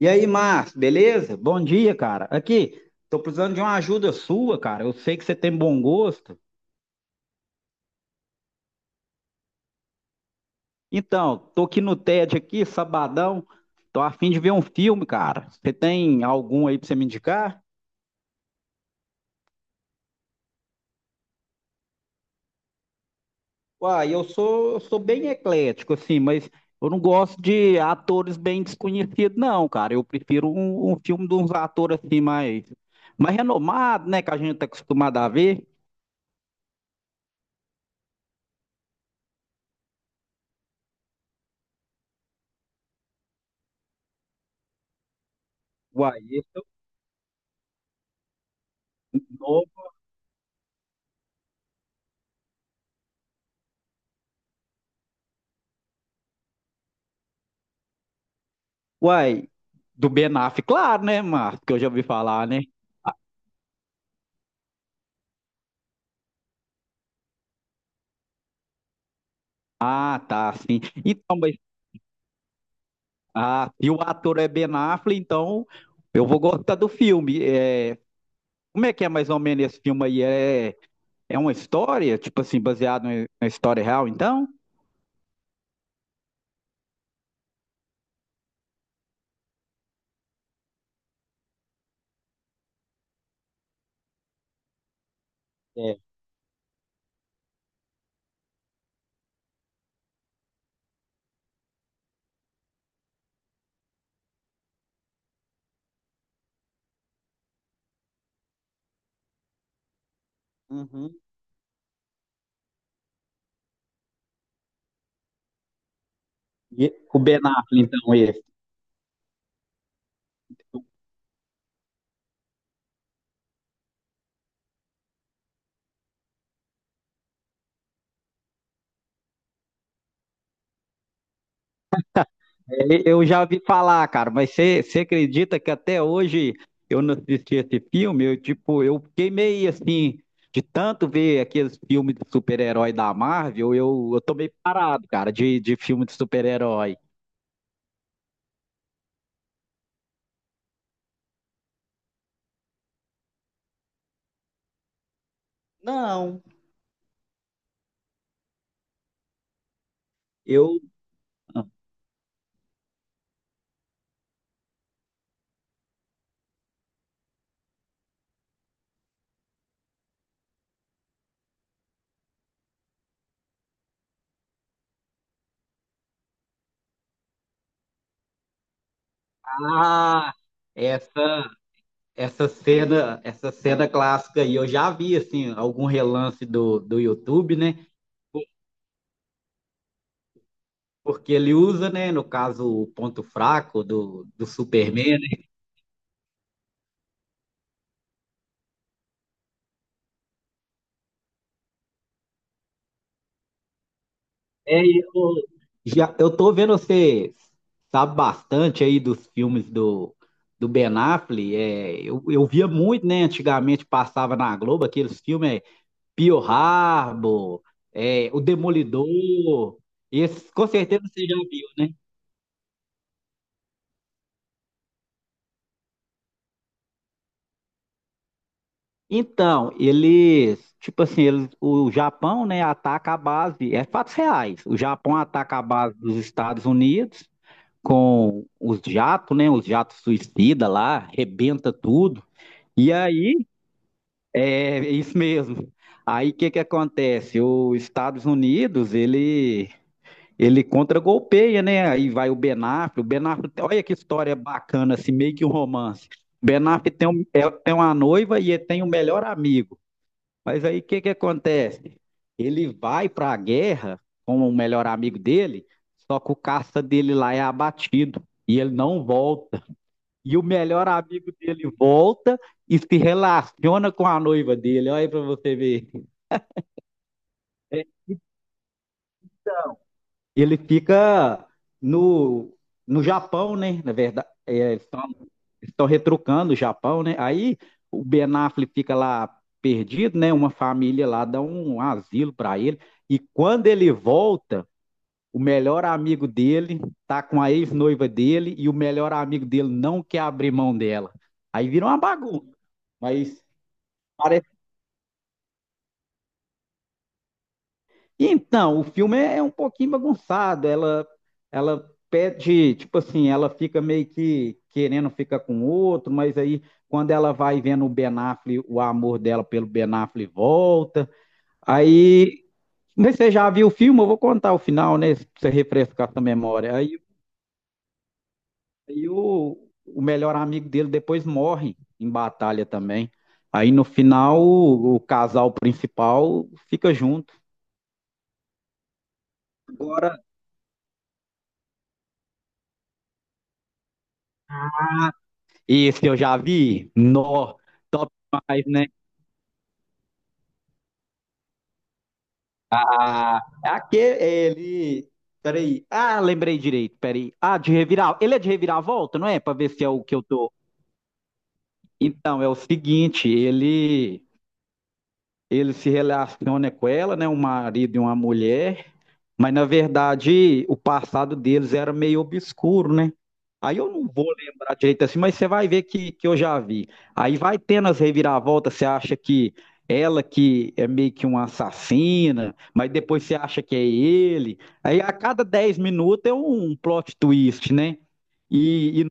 E aí, Márcio, beleza? Bom dia, cara. Aqui, tô precisando de uma ajuda sua, cara. Eu sei que você tem bom gosto. Então, tô aqui no TED aqui, sabadão. Tô a fim de ver um filme, cara. Você tem algum aí pra você me indicar? Uai, eu sou bem eclético, assim, mas eu não gosto de atores bem desconhecidos, não, cara. Eu prefiro um filme de uns atores assim mais renomados, né? Que a gente tá acostumado a ver. Uai, Uai, do Ben Affleck, claro, né, Márcio? Que eu já ouvi falar, né? Ah, tá, sim. Então, mas se o ator é Ben Affleck, então eu vou gostar do filme. É, como é que é mais ou menos esse filme aí? É uma história, tipo assim, baseado na história real, então? É. Uhum. E o Ben Affleck, então, esse. É, eu já ouvi falar, cara, mas você acredita que até hoje eu não assisti esse filme? Eu, tipo, eu fiquei meio assim, de tanto ver aqueles filmes de super-herói da Marvel, eu tô meio parado, cara, de filme de super-herói. Não. Eu. Ah, essa, essa cena clássica aí, eu já vi, assim, algum relance do YouTube, né? Porque ele usa, né, no caso, o ponto fraco do Superman. É, e eu, já, eu tô vendo você sabe bastante aí dos filmes do Ben Affleck. É, eu via muito, né? Antigamente passava na Globo aqueles filmes Pearl Harbor, O Demolidor. Esses com certeza você já viu, né? Então, eles, tipo assim, eles, o Japão, né, ataca a base, é fatos reais. O Japão ataca a base dos Estados Unidos com os jatos, né? Os jatos suicida lá, arrebenta tudo. E aí, é isso mesmo. Aí o que que acontece? Os Estados Unidos, ele contra-golpeia, né? Aí vai o Ben Affleck, olha que história bacana, assim, meio que um romance. O Ben Affleck tem uma noiva e ele tem um melhor amigo. Mas aí o que que acontece? Ele vai para a guerra com o melhor amigo dele, só que o caça dele lá é abatido e ele não volta. E o melhor amigo dele volta e se relaciona com a noiva dele. Olha aí para você ver. Ele fica no, no Japão, né? Na verdade, estão retrucando o Japão, né? Aí o Ben Affleck fica lá perdido, né? Uma família lá dá um asilo para ele. E quando ele volta, o melhor amigo dele tá com a ex-noiva dele e o melhor amigo dele não quer abrir mão dela. Aí vira uma bagunça. Mas parece Então, o filme é um pouquinho bagunçado. Ela pede, tipo assim, ela fica meio que querendo ficar com outro, mas aí quando ela vai vendo o Ben Affleck, o amor dela pelo Ben Affleck volta. Aí, mas você já viu o filme? Eu vou contar o final, né? Pra você refrescar sua memória. Aí, aí o melhor amigo dele depois morre em batalha também. Aí no final, o casal principal fica junto. Esse eu já vi. No, top demais, né? Ah, é aquele, ele. Peraí. Ah, lembrei direito, peraí. Ah, de revirar. Ele é de reviravolta, não é? Pra ver se é o que eu tô. Então, é o seguinte, ele. Ele se relaciona com ela, né? Um marido e uma mulher. Mas na verdade, o passado deles era meio obscuro, né? Aí eu não vou lembrar direito assim, mas você vai ver que eu já vi. Aí vai tendo as reviravoltas, você acha que ela que é meio que uma assassina, mas depois você acha que é ele. Aí a cada 10 minutos é um plot twist, né? E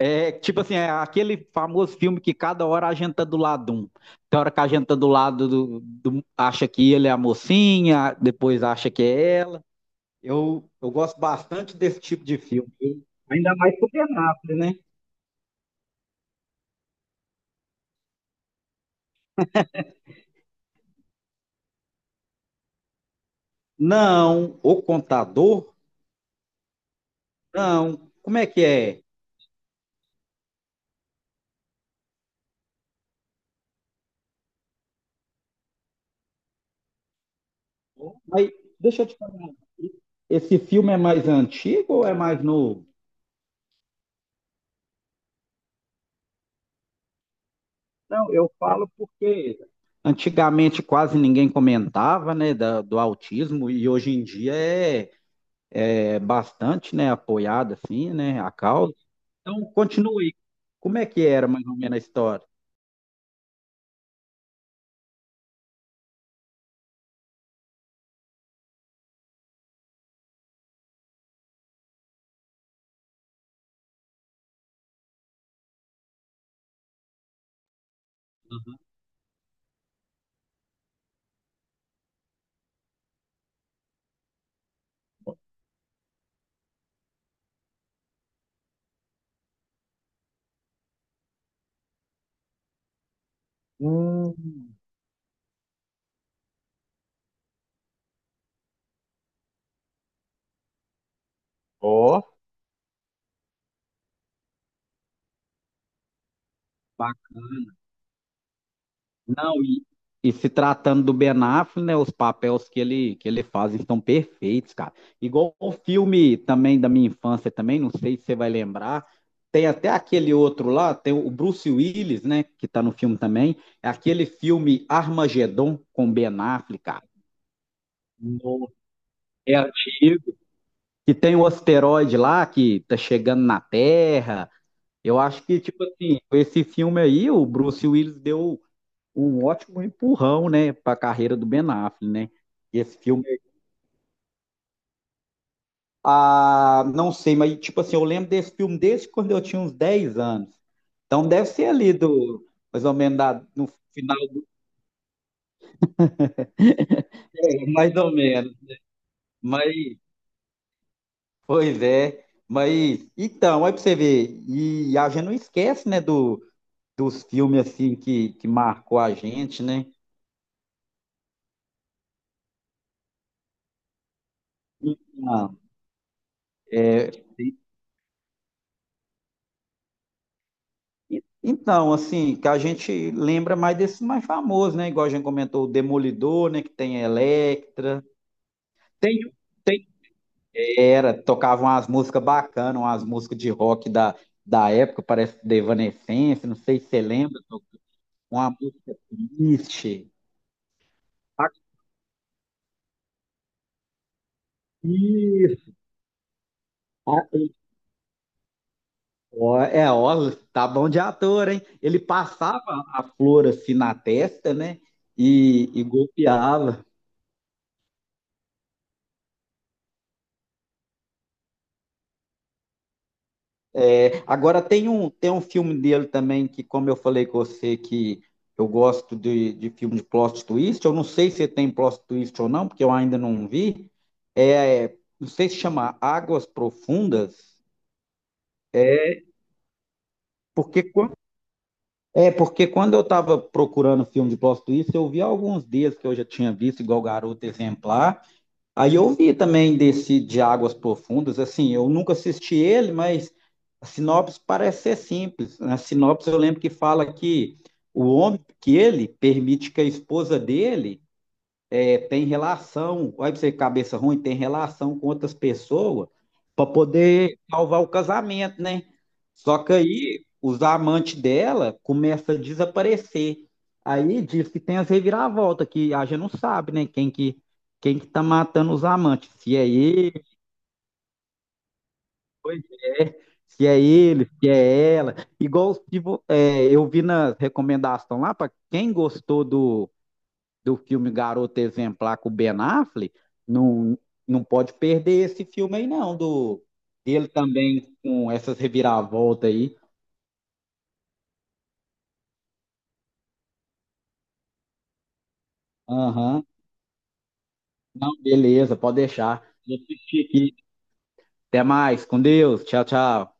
é tipo assim, é aquele famoso filme que cada hora a gente tá do lado de um. Tem hora que a gente tá do lado do, do- acha que ele é a mocinha, depois acha que é ela. Eu gosto bastante desse tipo de filme. Ainda mais Supernatural, né? Não, O Contador? Não. Como é que é? Mas deixa eu te falar. Esse filme é mais antigo ou é mais novo? Não, eu falo porque antigamente quase ninguém comentava, né, da- do autismo e hoje em dia é bastante, né, apoiado assim, né, a causa. Então, continue. Como é que era mais ou menos a história? Uhum. Ó. Bacana. Não, e se tratando do Ben Affleck, né, os papéis que ele faz estão perfeitos, cara. Igual o filme também da minha infância também, não sei se você vai lembrar, tem até aquele outro lá, tem o Bruce Willis, né, que tá no filme também, é aquele filme Armagedon com Ben Affleck, cara. No- É antigo. Que tem o asteroide lá que tá chegando na Terra. Eu acho que, tipo assim, com esse filme aí, o Bruce Willis deu um ótimo empurrão, né, para a carreira do Ben Affleck, né? Esse filme, ah, não sei, mas tipo assim, eu lembro desse filme desde quando eu tinha uns 10 anos. Então deve ser ali do mais ou menos da- no final, é, mais ou menos. Mas, pois é, mas então, aí pra você ver, e a gente não esquece, né, do, dos filmes assim que marcou a gente, né? Ah, é, E- então, assim, que a gente lembra mais desses mais famosos, né? Igual a gente comentou, o Demolidor, né? Que tem Electra. Tem, tem era, tocavam umas músicas bacanas, umas músicas de rock da, da época, parece The Evanescence, não sei se você lembra, uma música triste. Isso. Ah, ó, é, ó, tá bom de ator, hein? Ele passava a flor assim na testa, né? E golpeava. É, agora tem um filme dele também que, como eu falei com você, que eu gosto de filme de plot twist. Eu não sei se tem plot twist ou não, porque eu ainda não vi. É, não sei se chama Águas Profundas. É porque, quan- é porque quando eu estava procurando filme de plot twist, eu vi alguns dias que eu já tinha visto, igual Garoto Exemplar. Aí eu vi também desse de Águas Profundas, assim, eu nunca assisti ele, mas a sinopse parece ser simples. Na sinopse eu lembro que fala que o homem que ele permite que a esposa dele é, tem relação, olha pra você cabeça ruim, tem relação com outras pessoas para poder salvar o casamento, né? Só que aí os amantes dela começam a desaparecer. Aí diz que tem as reviravoltas, que a gente não sabe, né? Quem que tá matando os amantes, se é ele, é- se é ele, se é ela. Igual se vo- é, eu vi na recomendação lá, para quem gostou do, filme Garota Exemplar com o Ben Affleck, não, não pode perder esse filme aí, não, do dele também com essas reviravoltas aí. Aham. Não, beleza, pode deixar. Vou assistir aqui. Até mais, com Deus. Tchau, tchau.